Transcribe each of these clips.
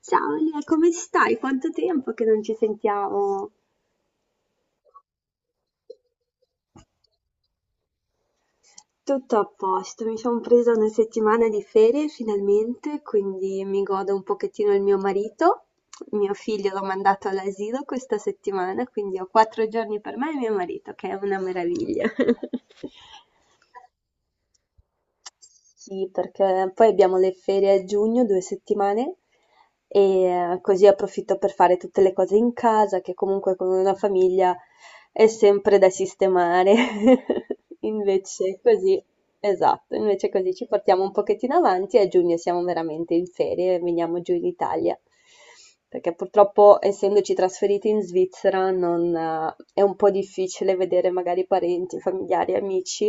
Ciao Elia, come stai? Quanto tempo che non ci sentiamo? Tutto a posto, mi sono presa una settimana di ferie finalmente, quindi mi godo un pochettino il mio marito. Mio figlio l'ho mandato all'asilo questa settimana, quindi ho 4 giorni per me e mio marito, che è una meraviglia. Sì, perché poi abbiamo le ferie a giugno, 2 settimane, e così approfitto per fare tutte le cose in casa, che comunque con una famiglia è sempre da sistemare. Invece così, esatto, invece così ci portiamo un pochettino avanti e a giugno siamo veramente in ferie e veniamo giù in Italia. Perché purtroppo, essendoci trasferiti in Svizzera, non, è un po' difficile vedere magari parenti, familiari, amici.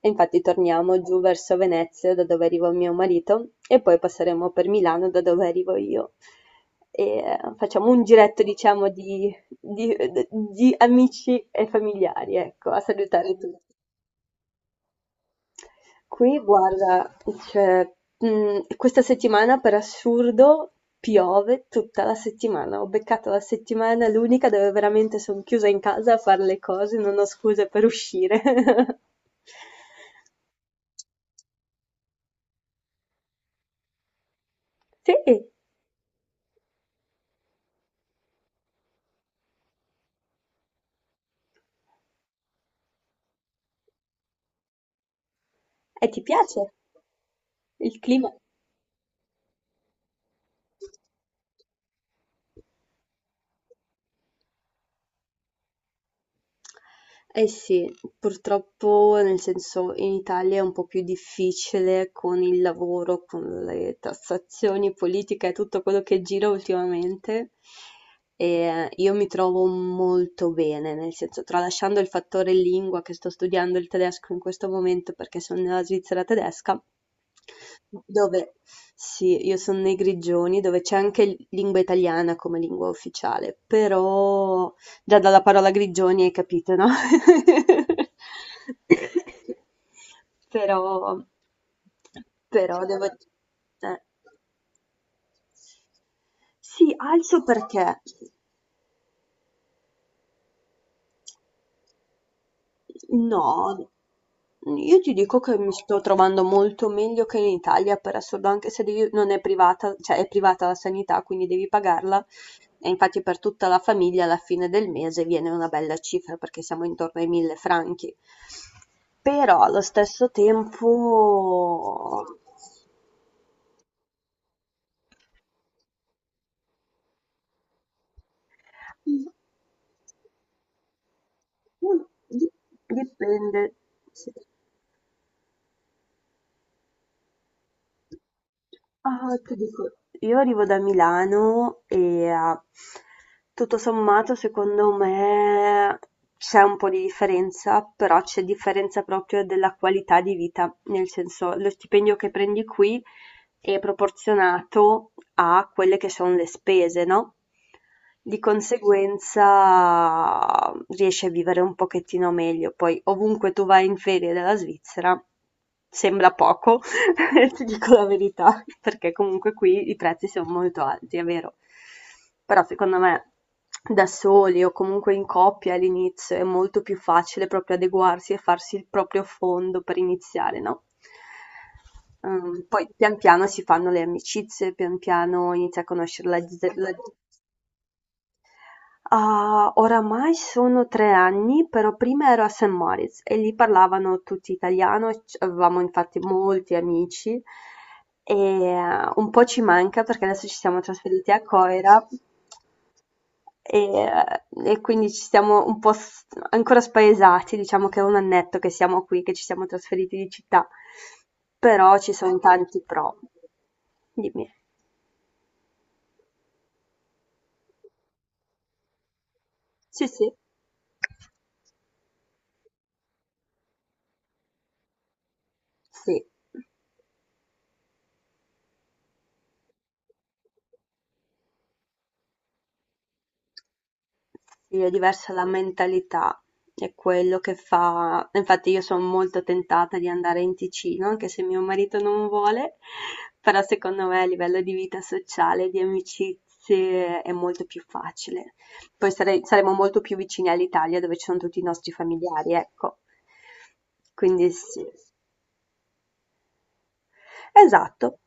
E infatti torniamo giù verso Venezia, da dove arriva mio marito, e poi passeremo per Milano, da dove arrivo io. E facciamo un giretto, diciamo, di- di amici e familiari, ecco, a salutare tutti. Qui, guarda, cioè, questa settimana per assurdo piove tutta la settimana. Ho beccato la settimana l'unica dove veramente sono chiusa in casa a fare le cose, non ho scuse per uscire. Sì. E ti piace il clima? Eh sì, purtroppo nel senso in Italia è un po' più difficile con il lavoro, con le tassazioni, politica e tutto quello che gira ultimamente. E io mi trovo molto bene, nel senso, tralasciando il fattore lingua che sto studiando il tedesco in questo momento perché sono nella Svizzera tedesca, dove sì, io sono nei Grigioni, dove c'è anche lingua italiana come lingua ufficiale, però già dalla parola grigioni hai capito, no? Però, però devo... Sì, alzo perché? No, io ti dico che mi sto trovando molto meglio che in Italia, per assurdo, anche se non è privata, cioè è privata la sanità, quindi devi pagarla. E infatti per tutta la famiglia alla fine del mese viene una bella cifra, perché siamo intorno ai 1000 franchi. Però allo stesso tempo... Mm, mm, di- dipende. Sì. Ah, ti dico, io arrivo da Milano e eh, tutto sommato secondo me c'è un po' di differenza, però c'è differenza proprio della qualità di vita, nel senso lo stipendio che prendi qui è proporzionato a quelle che sono le spese, no? Di conseguenza riesci a vivere un pochettino meglio. Poi ovunque tu vai in ferie dalla Svizzera sembra poco, ti dico la verità, perché comunque qui i prezzi sono molto alti, è vero. Però secondo me da soli o comunque in coppia all'inizio è molto più facile proprio adeguarsi e farsi il proprio fondo per iniziare, no? Poi pian piano si fanno le amicizie, pian piano inizi a conoscere la. Ah, oramai sono 3 anni, però prima ero a St. Moritz e lì parlavano tutti italiano, e avevamo infatti molti amici e un po' ci manca perché adesso ci siamo trasferiti a Coira e quindi ci siamo un po' ancora spaesati, diciamo che è un annetto che siamo qui, che ci siamo trasferiti di città, però ci sono tanti pro. Dimmi. Sì, sì, sì. Sì, è diversa la mentalità, è quello che fa. Infatti io sono molto tentata di andare in Ticino, anche se mio marito non vuole, però secondo me a livello di vita sociale, di amicizie, è molto più facile. Poi saremo molto più vicini all'Italia dove ci sono tutti i nostri familiari, ecco. Quindi sì. Esatto.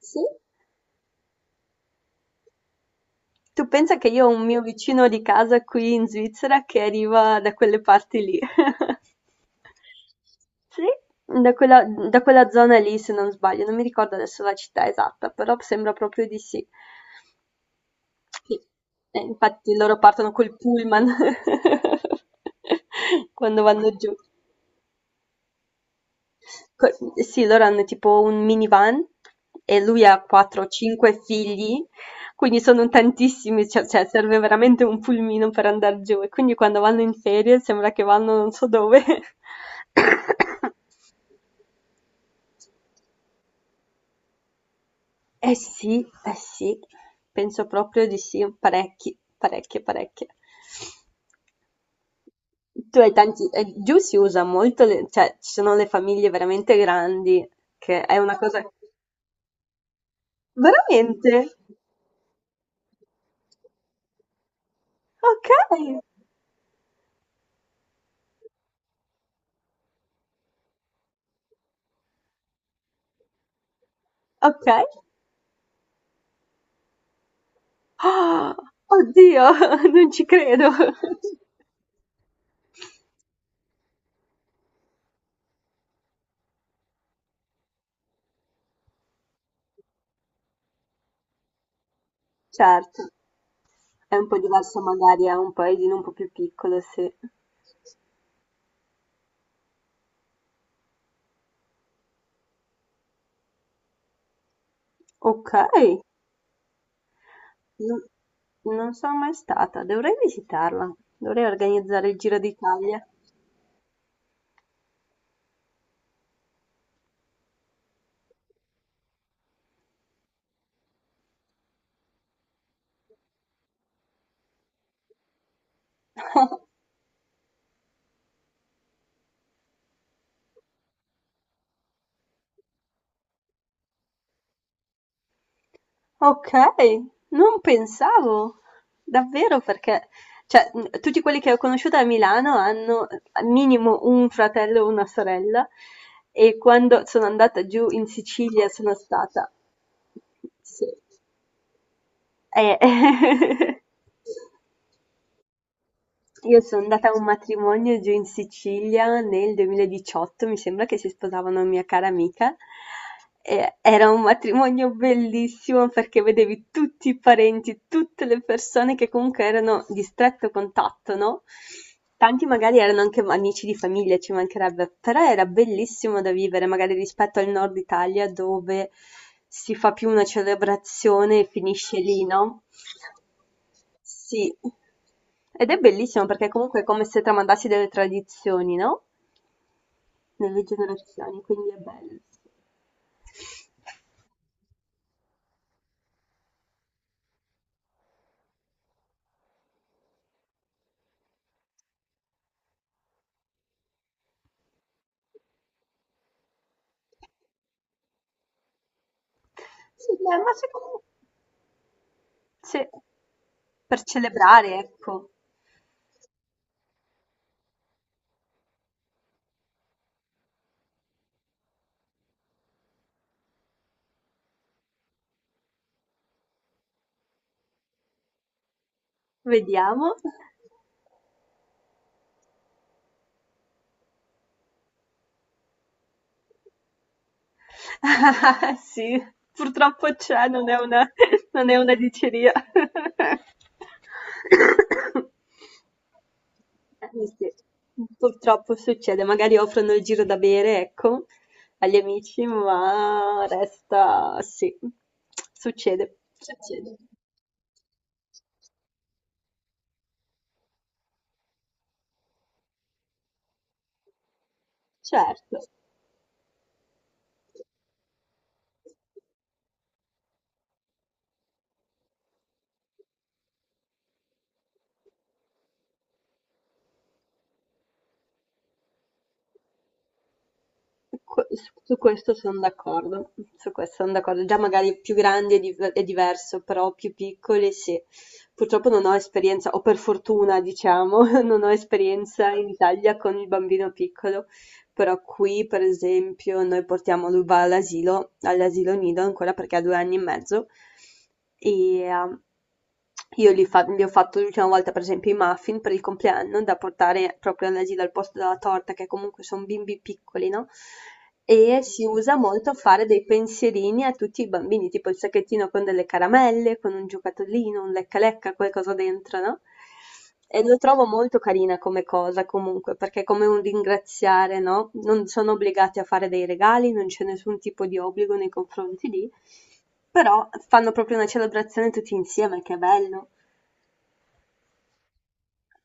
Sì. Tu pensa che io ho un mio vicino di casa qui in Svizzera che arriva da quelle parti lì. Sì, da quella zona lì, se non sbaglio, non mi ricordo adesso la città esatta, però sembra proprio di sì. Sì, infatti loro partono col pullman quando vanno giù. Co- Sì, loro hanno tipo un minivan e lui ha 4-5 figli, quindi sono tantissimi, cioè, serve veramente un pulmino per andare giù e quindi quando vanno in ferie sembra che vanno non so dove. Sì, eh sì, penso proprio di sì, parecchi, parecchie, parecchie. Tu hai tanti, giù si usa molto, cioè ci sono le famiglie veramente grandi, che è una cosa... Veramente? Ok. Okay. Ah! Oddio, non ci credo. Certo, è un po' diverso magari a un paesino un po' più piccolo, sì. Okay, non non sono mai stata, dovrei visitarla, dovrei organizzare il Giro d'Italia. Ok, non pensavo, davvero perché, cioè, tutti quelli che ho conosciuto a Milano hanno al minimo un fratello o una sorella e quando sono andata giù in Sicilia sono stata... Sì. Eh, Io sono andata a un matrimonio giù in Sicilia nel 2018, mi sembra che si sposava una mia cara amica. E era un matrimonio bellissimo perché vedevi tutti i parenti, tutte le persone che comunque erano di stretto contatto, no? Tanti magari erano anche amici di famiglia, ci mancherebbe, però era bellissimo da vivere, magari rispetto al nord Italia dove si fa più una celebrazione e finisce lì, no? Sì. Ed è bellissimo perché comunque è come se tramandassi delle tradizioni, no? Nelle generazioni, quindi è bello. Sì, dai, ma secondo sì, per celebrare, ecco. Vediamo. Sì, purtroppo c'è, non è una, non è una diceria. Sì, purtroppo succede, magari offrono il giro da bere, ecco, agli amici, ma resta, sì, succede. Succede. Certo, su questo sono d'accordo, su questo sono d'accordo. Già magari più grandi è, è diverso, però più piccoli sì. Purtroppo non ho esperienza, o per fortuna diciamo, non ho esperienza in Italia con il bambino piccolo. Però qui per esempio noi portiamo lui va all'asilo, all'asilo nido ancora perché ha 2 anni e mezzo e io gli ho fatto l'ultima volta per esempio i muffin per il compleanno da portare proprio all'asilo al posto della torta che comunque sono bimbi piccoli, no? E si usa molto fare dei pensierini a tutti i bambini, tipo il sacchettino con delle caramelle, con un giocattolino, un lecca lecca, qualcosa dentro, no? E lo trovo molto carina come cosa comunque, perché è come un ringraziare, no? Non sono obbligati a fare dei regali, non c'è nessun tipo di obbligo nei confronti di, però fanno proprio una celebrazione tutti insieme, che è bello.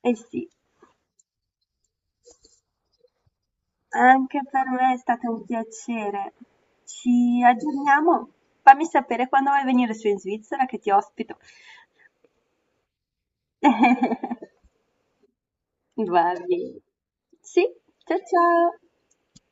Eh sì, anche per me è stato un piacere. Ci aggiorniamo. Fammi sapere quando vuoi venire su in Svizzera che ti ospito. Va bene. Sì, ciao ciao.